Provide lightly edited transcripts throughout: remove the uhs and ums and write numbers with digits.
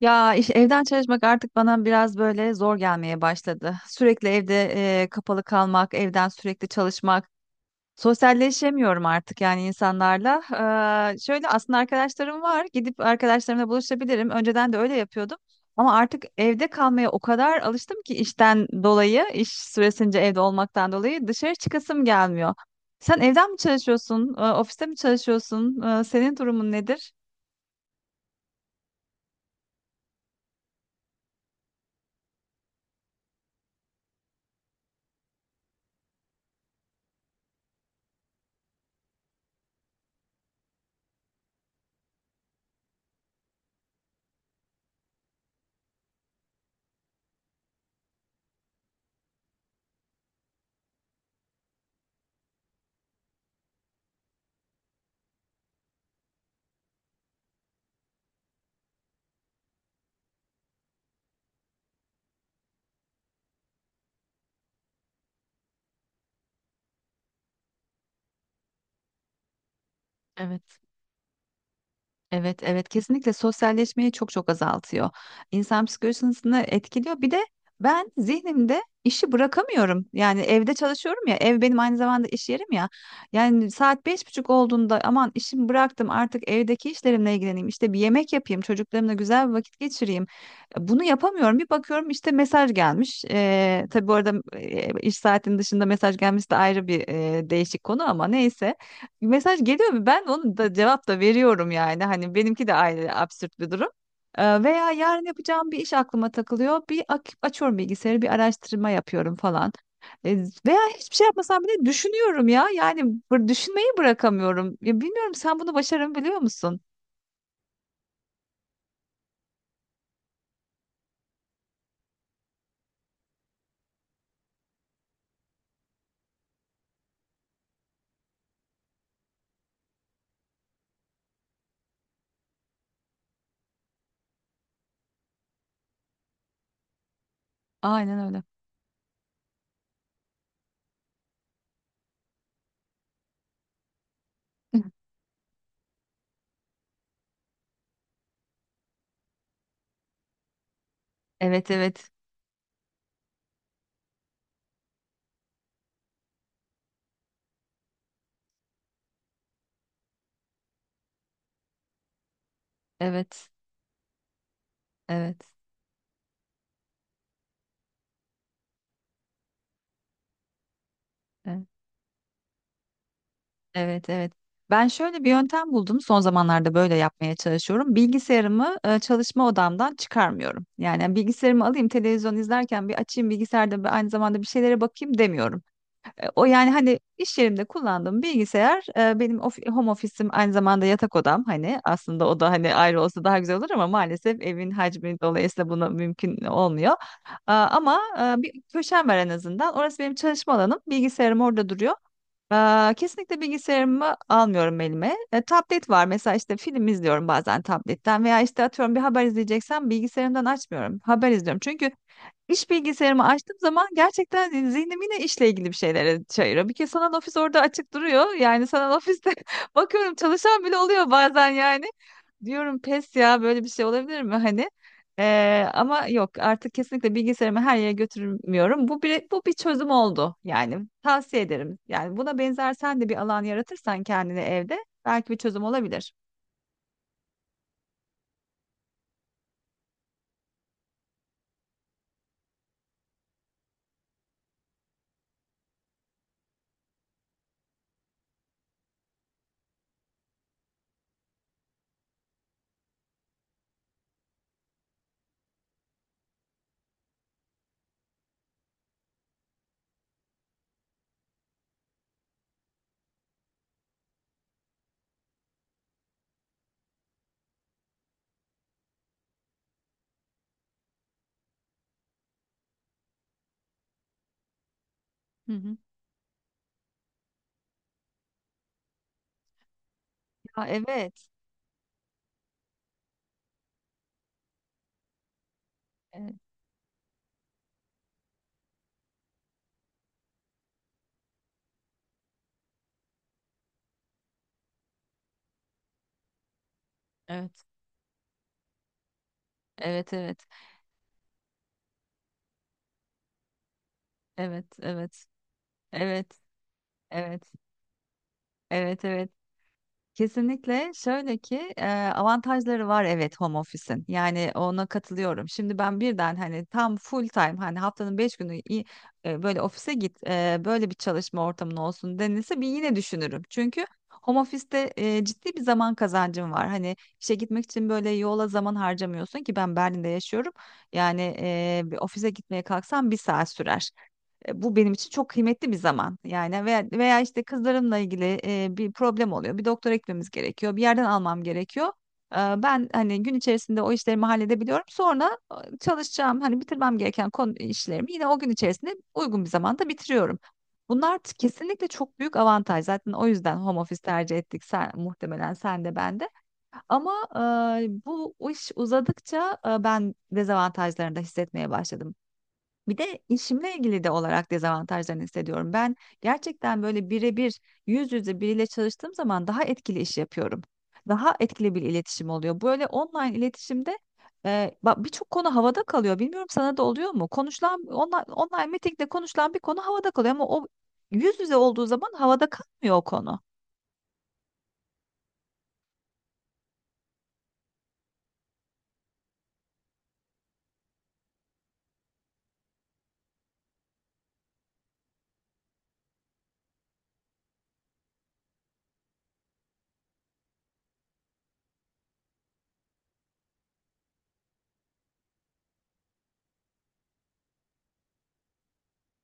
Ya iş, evden çalışmak artık bana biraz böyle zor gelmeye başladı. Sürekli evde kapalı kalmak, evden sürekli çalışmak. Sosyalleşemiyorum artık yani insanlarla. Şöyle aslında arkadaşlarım var. Gidip arkadaşlarımla buluşabilirim. Önceden de öyle yapıyordum. Ama artık evde kalmaya o kadar alıştım ki işten dolayı, iş süresince evde olmaktan dolayı dışarı çıkasım gelmiyor. Sen evden mi çalışıyorsun? Ofiste mi çalışıyorsun? Senin durumun nedir? Evet. Evet, evet kesinlikle sosyalleşmeyi çok çok azaltıyor. İnsan psikolojisini etkiliyor. Bir de ben zihnimde işi bırakamıyorum. Yani evde çalışıyorum ya, ev benim aynı zamanda iş yerim ya. Yani saat beş buçuk olduğunda aman işimi bıraktım artık evdeki işlerimle ilgileneyim. İşte bir yemek yapayım, çocuklarımla güzel bir vakit geçireyim. Bunu yapamıyorum. Bir bakıyorum işte mesaj gelmiş. Tabii bu arada iş saatinin dışında mesaj gelmesi de ayrı bir değişik konu ama neyse mesaj geliyor mu? Ben onu da cevap da veriyorum yani. Hani benimki de aynı absürt bir durum. Veya yarın yapacağım bir iş aklıma takılıyor. Açıyorum bilgisayarı, bir araştırma yapıyorum falan. Veya hiçbir şey yapmasam bile düşünüyorum ya. Yani düşünmeyi bırakamıyorum. Ya bilmiyorum sen bunu başarabiliyor musun? Aynen öyle. Evet, evet. Evet, evet. Evet. Evet, evet. Ben şöyle bir yöntem buldum. Son zamanlarda böyle yapmaya çalışıyorum. Bilgisayarımı çalışma odamdan çıkarmıyorum. Yani hani, bilgisayarımı alayım televizyon izlerken bir açayım bilgisayarda bir aynı zamanda bir şeylere bakayım demiyorum. O yani hani iş yerimde kullandığım bilgisayar benim home ofisim aynı zamanda yatak odam. Hani aslında o da hani ayrı olsa daha güzel olur ama maalesef evin hacmi dolayısıyla buna mümkün olmuyor. Ama bir köşem var en azından. Orası benim çalışma alanım. Bilgisayarım orada duruyor. Aa, kesinlikle bilgisayarımı almıyorum elime. Tablet var mesela işte film izliyorum bazen tabletten veya işte atıyorum bir haber izleyeceksem bilgisayarımdan açmıyorum. Haber izliyorum çünkü İş bilgisayarımı açtığım zaman gerçekten hani, zihnim yine işle ilgili bir şeylere çayırıyor. Bir kez sanal ofis orada açık duruyor. Yani sanal ofiste bakıyorum çalışan bile oluyor bazen yani. Diyorum pes ya böyle bir şey olabilir mi hani? Ama yok artık kesinlikle bilgisayarımı her yere götürmüyorum. Bu bir çözüm oldu yani tavsiye ederim. Yani buna benzer sen de bir alan yaratırsan kendine evde belki bir çözüm olabilir. Hı hı. Ya evet. Evet. Evet evet. Evet evet. Evet evet. Evet. Evet evet. Kesinlikle şöyle ki avantajları var evet home office'in. Yani ona katılıyorum. Şimdi ben birden hani tam full time hani haftanın 5 günü böyle ofise git böyle bir çalışma ortamın olsun denilse bir yine düşünürüm. Çünkü home office'te ciddi bir zaman kazancım var. Hani işe gitmek için böyle yola zaman harcamıyorsun ki ben Berlin'de yaşıyorum. Yani bir ofise gitmeye kalksam bir saat sürer. Bu benim için çok kıymetli bir zaman. Yani veya işte kızlarımla ilgili bir problem oluyor. Bir doktora gitmemiz gerekiyor. Bir yerden almam gerekiyor. E, Ben hani gün içerisinde o işlerimi halledebiliyorum. Sonra çalışacağım hani bitirmem gereken konu işlerimi yine o gün içerisinde uygun bir zamanda bitiriyorum. Bunlar kesinlikle çok büyük avantaj. Zaten o yüzden home office tercih ettik. Muhtemelen sen de ben de. Ama bu iş uzadıkça ben dezavantajlarını da hissetmeye başladım. Bir de işimle ilgili de olarak dezavantajlarını hissediyorum. Ben gerçekten böyle birebir yüz yüze biriyle çalıştığım zaman daha etkili iş yapıyorum. Daha etkili bir iletişim oluyor. Böyle online iletişimde bak birçok konu havada kalıyor. Bilmiyorum sana da oluyor mu? Konuşulan online meetingde konuşulan bir konu havada kalıyor ama o yüz yüze olduğu zaman havada kalmıyor o konu.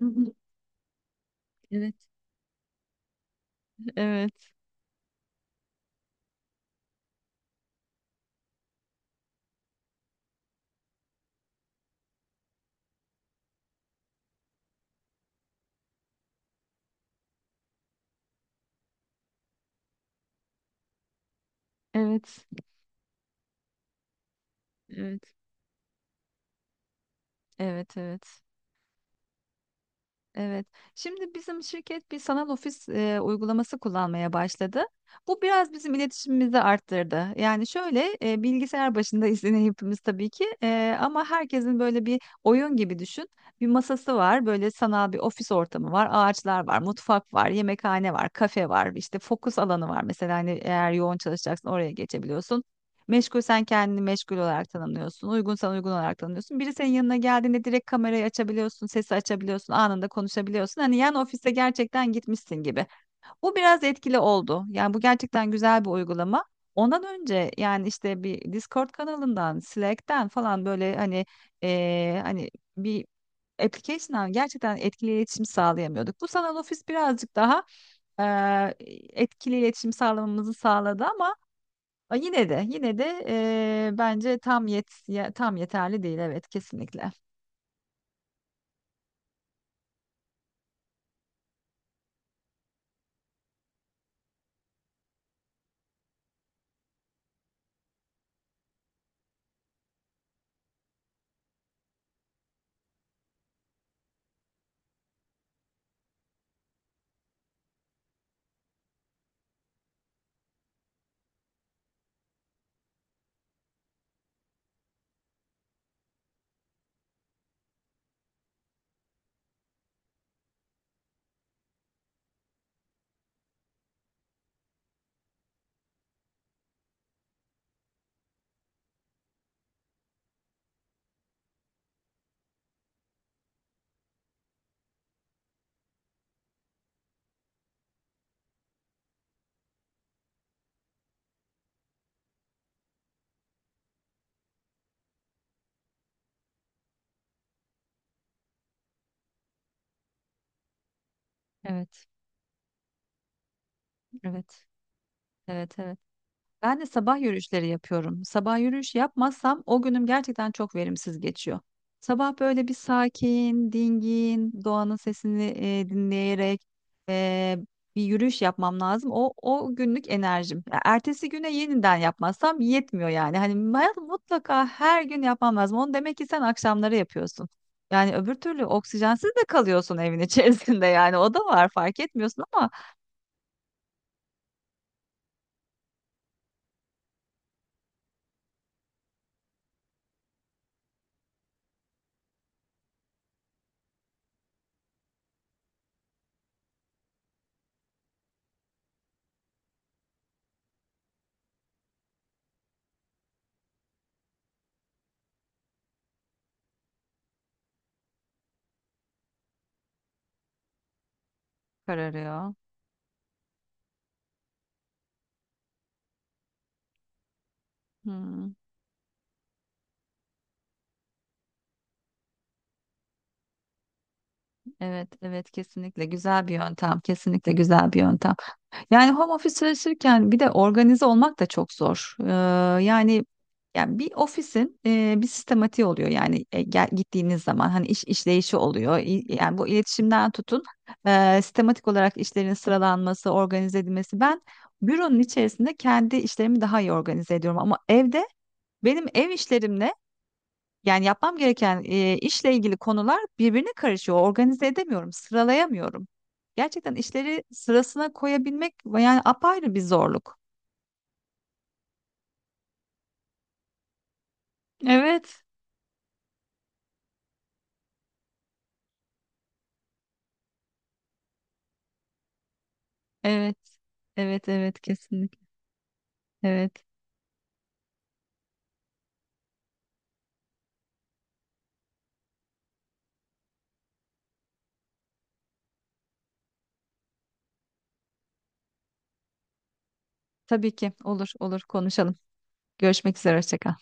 Hı hı. Evet, evet, evet, evet, evet, evet, evet. Şimdi bizim şirket bir sanal ofis uygulaması kullanmaya başladı. Bu biraz bizim iletişimimizi arttırdı. Yani şöyle bilgisayar başında yine hepimiz tabii ki ama herkesin böyle bir oyun gibi düşün. Bir masası var, böyle sanal bir ofis ortamı var, ağaçlar var, mutfak var, yemekhane var, kafe var, işte fokus alanı var. Mesela hani eğer yoğun çalışacaksın oraya geçebiliyorsun. Meşgul sen kendini meşgul olarak tanımlıyorsun. Uygunsan uygun olarak tanımlıyorsun. Biri senin yanına geldiğinde direkt kamerayı açabiliyorsun, sesi açabiliyorsun, anında konuşabiliyorsun. Hani yan ofise gerçekten gitmişsin gibi. Bu biraz etkili oldu. Yani bu gerçekten güzel bir uygulama. Ondan önce yani işte bir Discord kanalından, Slack'ten falan böyle hani bir application'dan gerçekten etkili iletişim sağlayamıyorduk. Bu sanal ofis birazcık daha eee, etkili iletişim sağlamamızı sağladı ama A, Yine de yine de bence tam tam yeterli değil evet kesinlikle. Evet, evet. Evet, evet. Ben de sabah yürüyüşleri yapıyorum. Sabah yürüyüş yapmazsam o günüm gerçekten çok verimsiz geçiyor. Sabah böyle bir sakin, dingin, doğanın sesini dinleyerek e, bir yürüyüş yapmam lazım. O günlük enerjim. Ya ertesi güne yeniden yapmazsam yetmiyor yani. Hani ben mutlaka her gün yapmam lazım. Onu demek ki sen akşamları yapıyorsun. Yani öbür türlü oksijensiz de kalıyorsun evin içerisinde yani. O da var fark etmiyorsun ama kararıyor. Hmm. Evet, evet kesinlikle güzel bir yöntem, kesinlikle güzel bir yöntem. Yani home office çalışırken bir de organize olmak da çok zor. Yani yani bir ofisin bir sistematiği oluyor yani gel, gittiğiniz zaman hani iş işleyişi oluyor. Yani bu iletişimden tutun sistematik olarak işlerin sıralanması, organize edilmesi. Ben büronun içerisinde kendi işlerimi daha iyi organize ediyorum ama evde benim ev işlerimle yani yapmam gereken işle ilgili konular birbirine karışıyor. Organize edemiyorum, sıralayamıyorum. Gerçekten işleri sırasına koyabilmek yani apayrı bir zorluk. Evet, evet, evet, evet, kesinlikle. Evet, tabii ki olur, olur konuşalım. Görüşmek üzere, hoşça kal.